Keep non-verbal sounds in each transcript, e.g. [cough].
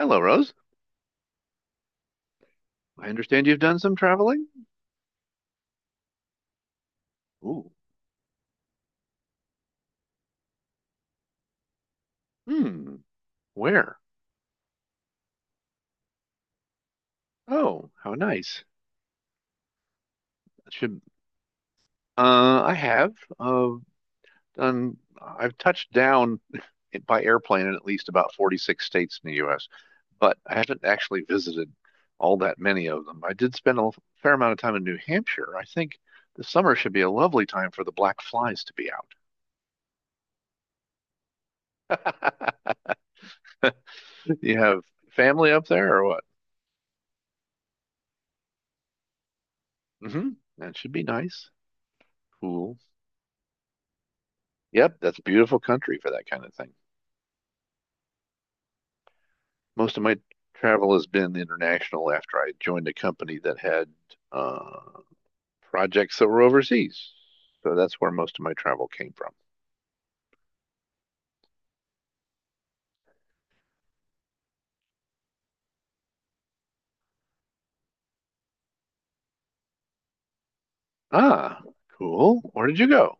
Hello, Rose. I understand you've done some traveling. Ooh. Hmm. Where? Oh, how nice. That Should I have uh done? I've touched down [laughs] by airplane in at least about 46 states in the U.S., but I haven't actually visited all that many of them. I did spend fair amount of time in New Hampshire. I think the summer should be a lovely time for the black flies to be out. [laughs] You have family up there or what? Hmm. That should be nice. Cool. Yep, that's a beautiful country for that kind of thing. Most of my travel has been international after I joined a company that had uh, projects that were overseas. So that's where most of my travel came from. Ah, cool. Where did you go?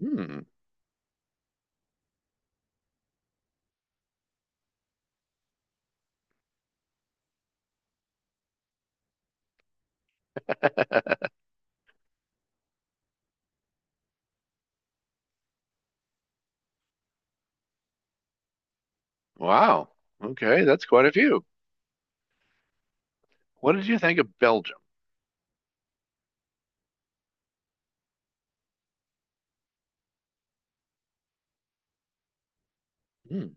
Hmm. [laughs] Wow. Okay, that's quite a few. What did you think of Belgium? Hmm.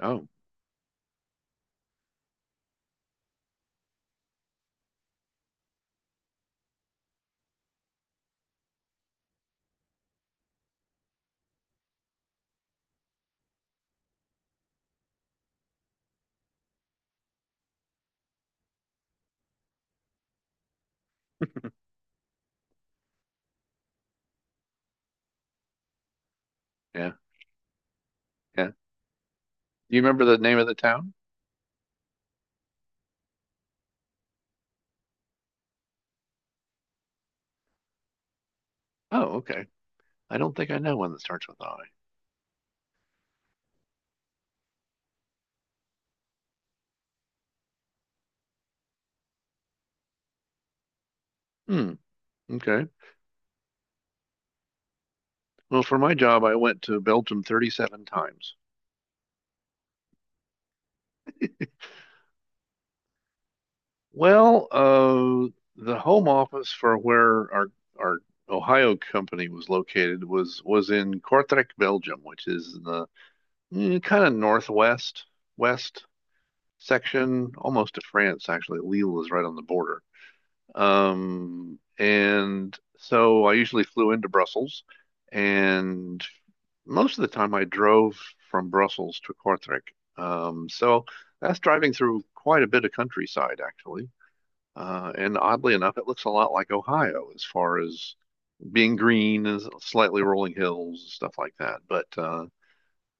Oh, yeah, yeah. Do you remember the name of the town? Oh, okay. I don't think I know one that starts with I. Hmm. Okay. Well, for my job, I went to Belgium 37 times. Well, the home office for where our Ohio company was located was in Kortrijk, Belgium, which is in the kind of northwest west section, almost to France, actually. Lille is right on the border. And so I usually flew into Brussels and most of the time I drove from Brussels to Kortrijk. So that's driving through quite a bit of countryside, actually. And oddly enough, it looks a lot like Ohio as far as being green and slightly rolling hills and stuff like that. But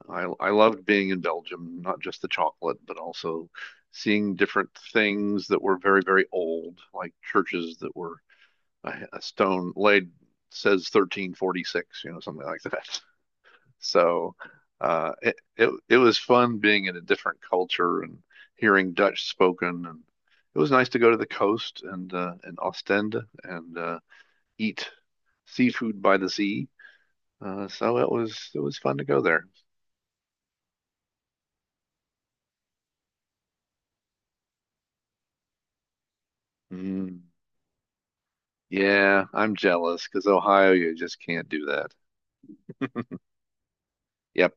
I loved being in Belgium, not just the chocolate, but also seeing different things that were very, very old, like churches that were a stone laid says 1346, you know, something like that. So it, it it was fun being in a different culture and hearing Dutch spoken, and it was nice to go to the coast and Ostend and eat seafood by the sea. It was fun to go there. Mm, yeah, I'm jealous because Ohio, you just can't do that. Yep.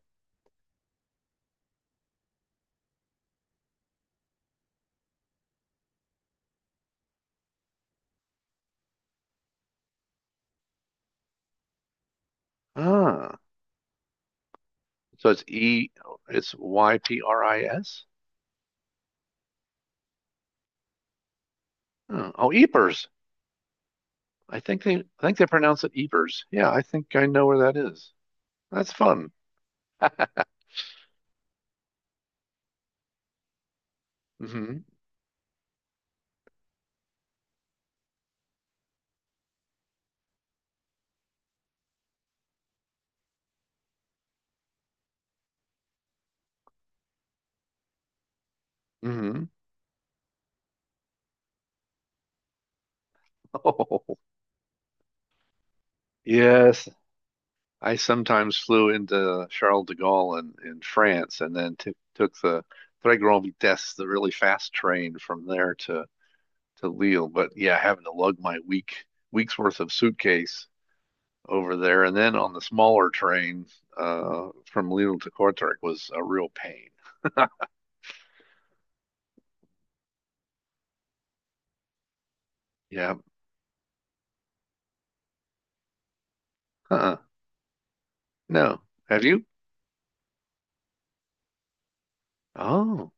Ah, so it's E, it's YPRIS. Oh, oh, Ypres. I think they pronounce it Ypres. Yeah, I think I know where that is. That's fun. Hmm. Hmm. [laughs] Oh, yes. I sometimes flew into Charles de Gaulle in France and then took the Trois Grands Vitesses, the really fast train from there to Lille. But yeah, having to lug my week's worth of suitcase over there and then on the smaller train from Lille to Kortrijk was a real pain. Yeah. Uh-uh. No. Have you? Oh.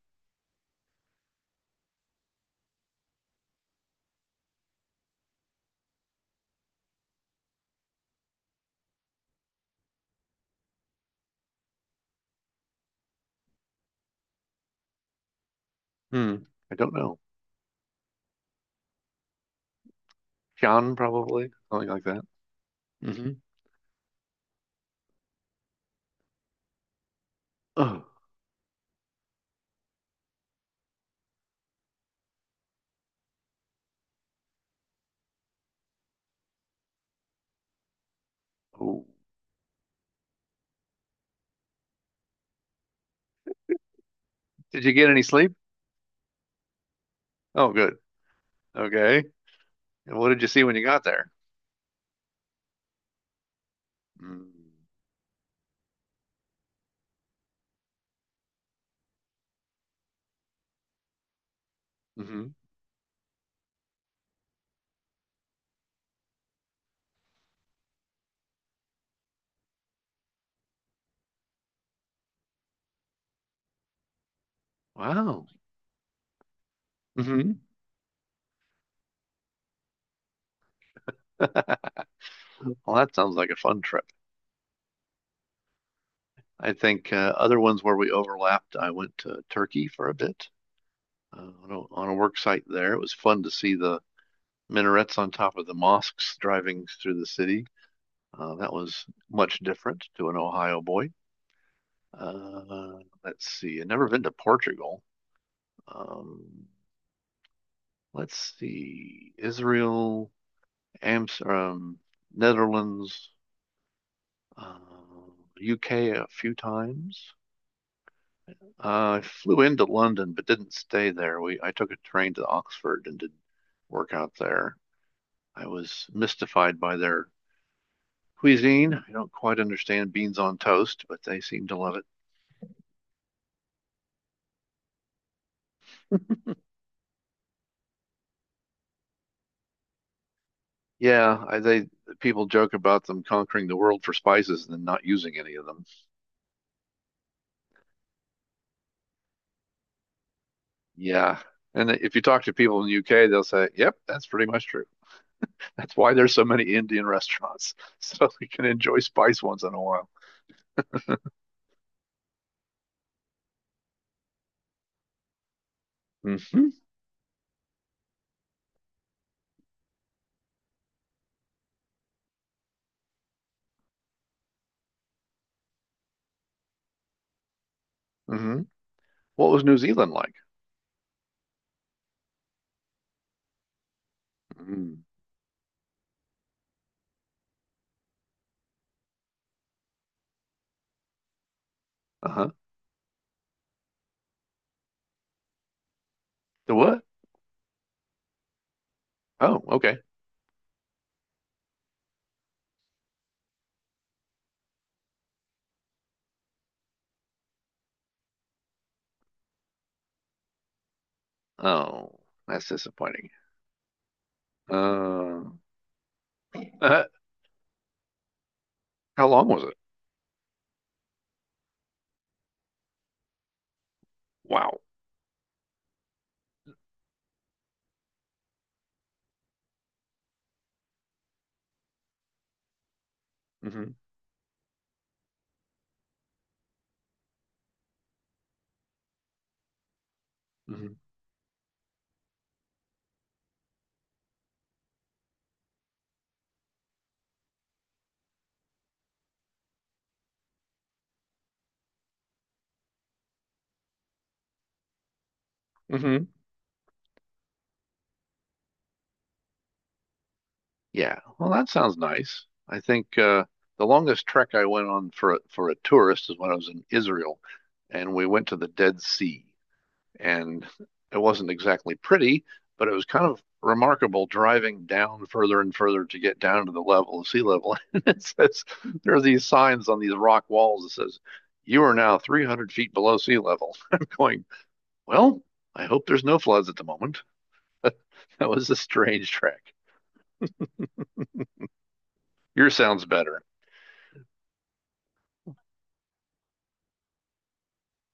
Hmm. I don't know. Jan probably, something like that. Hmm. Oh. Did you get any sleep? Oh, good. Okay. And what did you see when you got there? Mm-hmm. Wow. Hmm. [laughs] Well, that sounds like a fun trip. I think other ones where we overlapped, I went to Turkey for a bit on a work site there. It was fun to see the minarets on top of the mosques driving through the city. That was much different to an Ohio boy. Uh, let's see. I've never been to Portugal. Um, let's see. Israel. Amsterdam, Netherlands, uh, UK a few times. I flew into London but didn't stay there. We I took a train to Oxford and did work out there. I was mystified by their cuisine. I don't quite understand beans on toast, but they seem to love it. Yeah, I, they People joke about them conquering the world for spices and then not using any of them. Yeah, and if you talk to people in the UK, they'll say, "Yep, that's pretty much true." That's why there's so many Indian restaurants, [laughs] so we can enjoy spice once in a while. Mm-hmm. Mm-hmm. What was New Zealand like? Mm. Uh-huh. The what? Oh, okay. Oh, that's disappointing. Uh, uh, how long was it? Wow. Mm-hmm. Mm-hmm. Mm-hmm. Yeah. Well, that sounds nice. I think the longest trek I went on for for a tourist is when I was in Israel, and we went to the Dead Sea. And it wasn't exactly pretty, but it was kind of remarkable driving down further and further to get down to the level of sea level. [laughs] It says there are these signs on these rock walls that says you are now 300 feet below sea level. [laughs] I'm going, well, I hope there's no floods at the moment. [laughs] That was a strange trek. Yours sounds better,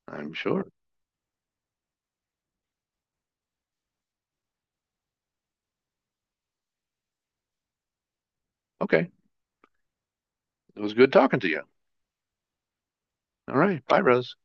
I'm sure. Okay, it was good talking to you. All right, bye, Rose.